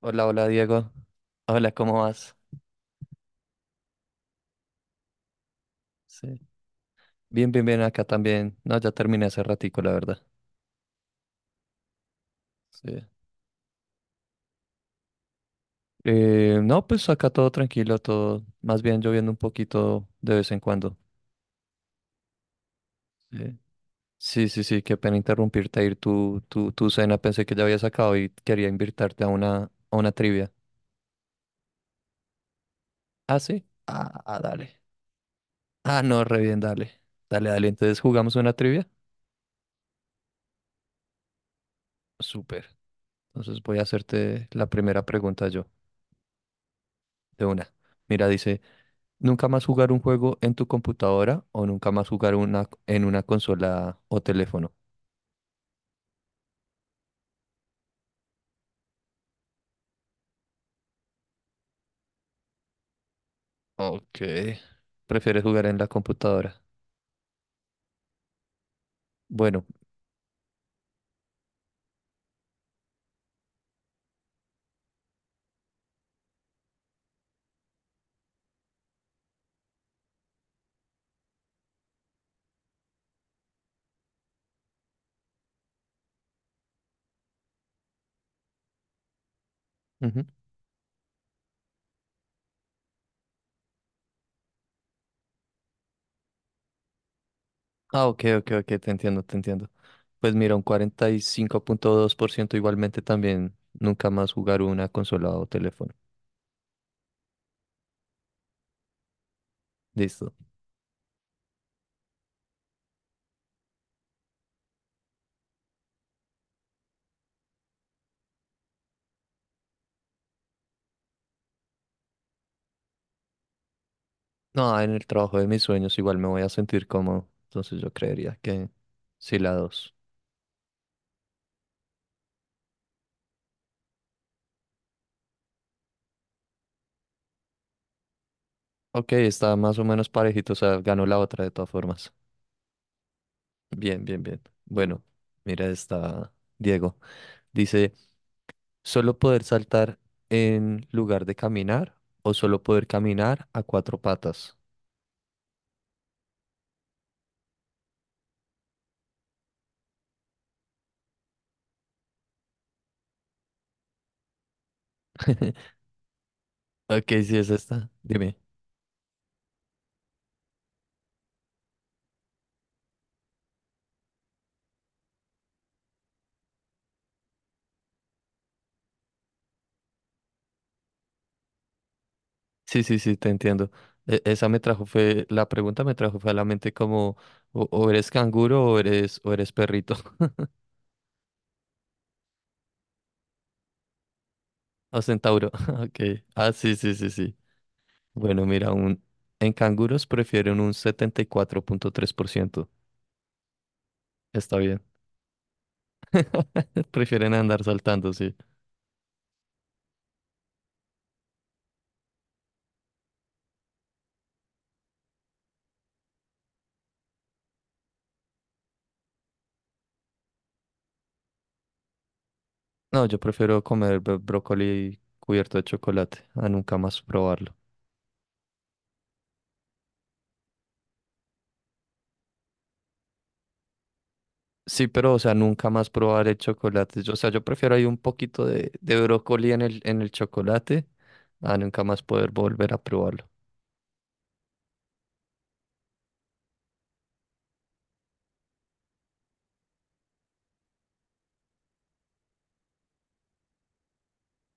Hola, hola Diego. Hola, ¿cómo vas? Sí. Bien, bien, bien, acá también. No, ya terminé hace ratico, la verdad. Sí. No, pues acá todo tranquilo, todo. Más bien lloviendo un poquito de vez en cuando. Sí, sí, sí, sí, qué pena interrumpirte. Ir tu cena, pensé que ya habías acabado y quería invitarte a una trivia. Ah, sí. Ah, ah, dale. Ah, no, re bien, dale. Dale, dale. Entonces, ¿jugamos una trivia? Súper. Entonces voy a hacerte la primera pregunta yo. De una. Mira, dice, nunca más jugar un juego en tu computadora o nunca más jugar una en una consola o teléfono. Ok. ¿Prefieres jugar en la computadora? Bueno. Ujú. Ah, ok, ok, ok, te entiendo, te entiendo. Pues mira, un 45,2% igualmente también nunca más jugar una consola o teléfono. Listo. No, en el trabajo de mis sueños igual me voy a sentir cómodo. Entonces yo creería que sí la dos. Ok, está más o menos parejito, o sea, ganó la otra de todas formas. Bien, bien, bien. Bueno, mira esta, Diego. Dice, ¿solo poder saltar en lugar de caminar o solo poder caminar a cuatro patas? Ok, sí, es esta. Dime. Sí, sí, sí, te entiendo. E- esa me trajo fue, la pregunta me trajo fue a la mente como, o eres canguro o eres perrito o centauro. Ok. Ah, sí, sí, sí, sí. Bueno, mira, en canguros prefieren un 74,3%. Está bien. Prefieren andar saltando, sí. No, yo prefiero comer brócoli cubierto de chocolate a nunca más probarlo. Sí, pero, o sea, nunca más probar el chocolate. O sea, yo prefiero ahí un poquito de brócoli en el chocolate a nunca más poder volver a probarlo.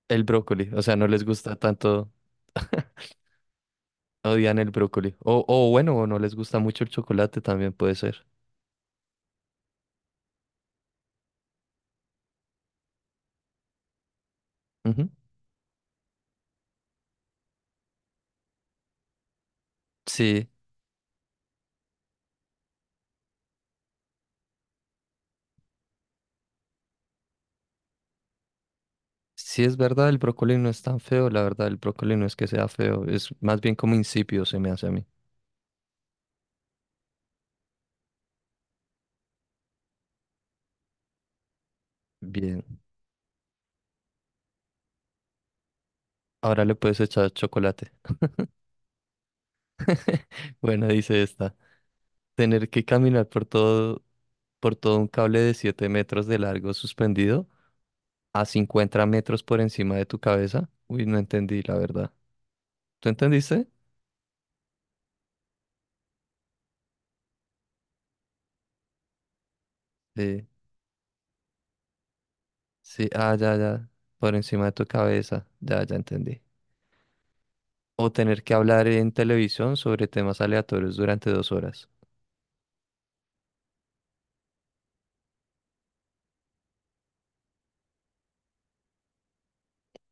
El brócoli, o sea, no les gusta tanto, odian el brócoli. O bueno, o no les gusta mucho el chocolate también puede ser. Ujú. Sí, sí es verdad, el brócoli no es tan feo, la verdad, el brócoli no es que sea feo, es más bien como insípido se me hace a mí. Bien, ahora le puedes echar chocolate. Bueno, dice esta. Tener que caminar por todo un cable de 7 metros de largo suspendido a 50 metros por encima de tu cabeza. Uy, no entendí, la verdad. ¿Tú entendiste? Sí, sí, ah, ya, ya. Por encima de tu cabeza. Ya, ya entendí. O tener que hablar en televisión sobre temas aleatorios durante 2 horas.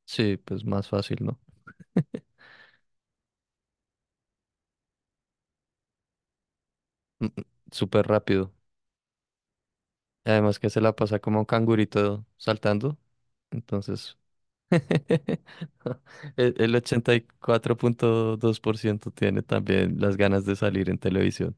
Sí, pues más fácil, ¿no? Mm, mm, Súper rápido. Y además que se la pasa como cangurito saltando. Entonces, el 84,2% tiene también las ganas de salir en televisión.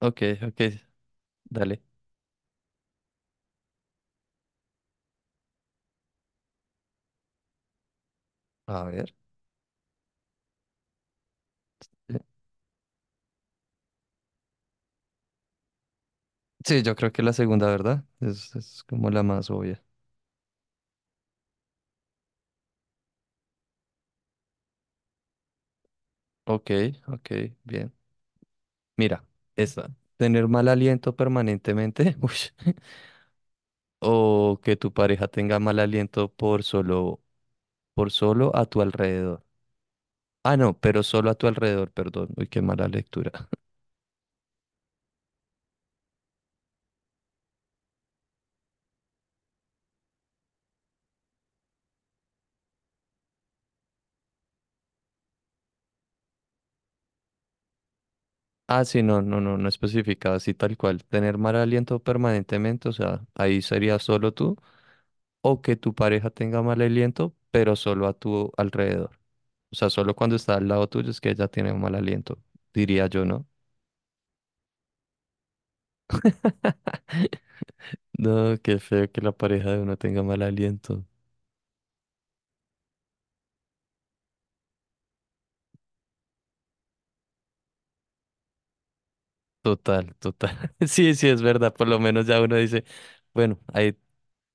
Ok, ok, dale. A ver. Eh, Sí, yo creo que la segunda, ¿verdad? Es como la más obvia. Ok, ok, bien. Mira, esta. Tener mal aliento permanentemente. Ush. O que tu pareja tenga mal aliento por solo a tu alrededor. Ah, no, pero solo a tu alrededor, perdón. Uy, qué mala lectura. Ah, sí, no, no, no, no especificaba así tal cual. Tener mal aliento permanentemente, o sea, ahí sería solo tú, o que tu pareja tenga mal aliento, pero solo a tu alrededor. O sea, solo cuando está al lado tuyo es que ella tiene un mal aliento, diría yo, ¿no? No, qué feo que la pareja de uno tenga mal aliento. Total, total. Sí, sí, es verdad. Por lo menos ya uno dice, bueno, ahí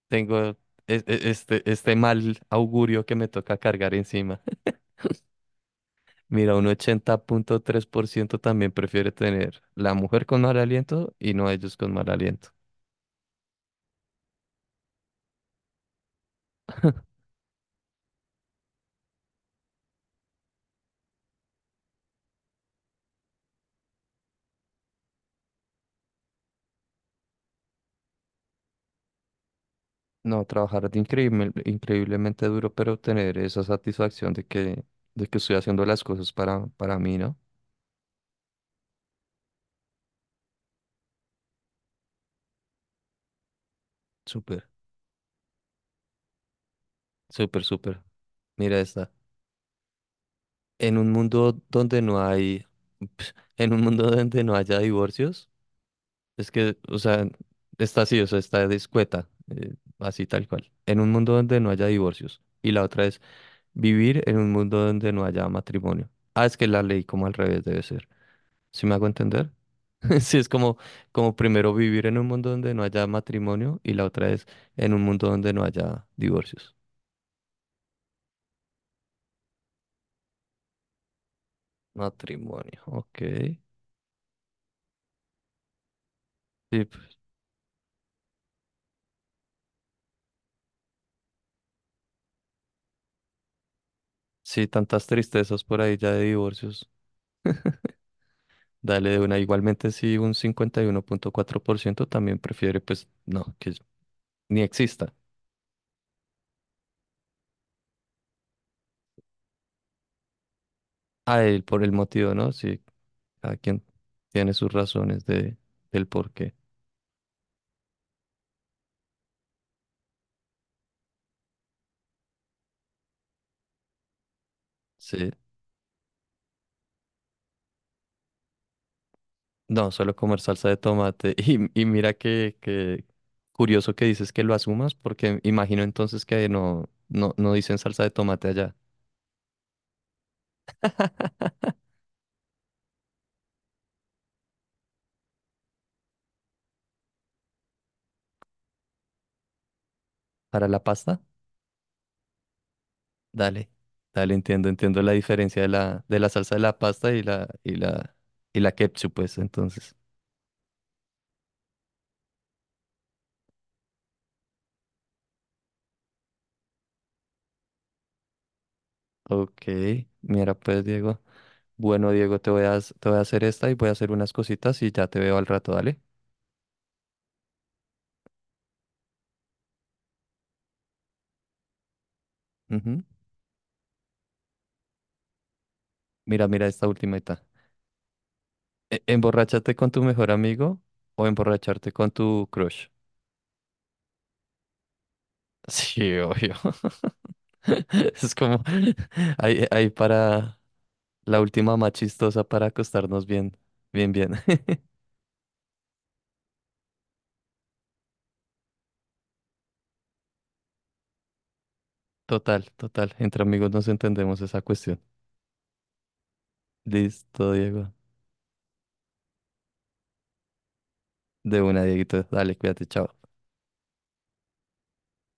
tengo este mal augurio que me toca cargar encima. Mira, un 80,3% también prefiere tener la mujer con mal aliento y no ellos con mal aliento. No, trabajar de increíblemente duro, pero tener esa satisfacción de que estoy haciendo las cosas para mí, ¿no? Súper, súper, súper. Mira esta. En un mundo donde no hay, En un mundo donde no haya divorcios. Es que, o sea, está así, o sea, está discueta, eh, así tal cual. En un mundo donde no haya divorcios. Y la otra es vivir en un mundo donde no haya matrimonio. Ah, es que la ley como al revés debe ser. ¿Sí me hago entender? Sí, es como primero vivir en un mundo donde no haya matrimonio y la otra es en un mundo donde no haya divorcios. Matrimonio, ok. Sí, sí, tantas tristezas por ahí ya de divorcios. Dale de una. Igualmente, si un 51,4% también prefiere, pues no, que ni exista. A él por el motivo, ¿no? Sí, cada quien tiene sus razones del por qué. Sí. No, suelo comer salsa de tomate. Y mira que curioso que dices que lo asumas, porque imagino entonces que no, no, no dicen salsa de tomate allá. ¿Para la pasta? Dale, dale, entiendo, entiendo la diferencia de la salsa de la pasta y la ketchup, pues, entonces. Ok, mira pues, Diego. Bueno, Diego, te voy a hacer esta y voy a hacer unas cositas y ya te veo al rato, dale. Ujú. Mira, mira esta ultimita. ¿Emborracharte con tu mejor amigo o emborracharte con tu crush? Sí, obvio. Es como ahí para la última más chistosa para acostarnos bien, bien, bien. Total, total. Entre amigos nos entendemos esa cuestión. Listo, Diego. De una, Dieguito. Dale, cuídate, chao.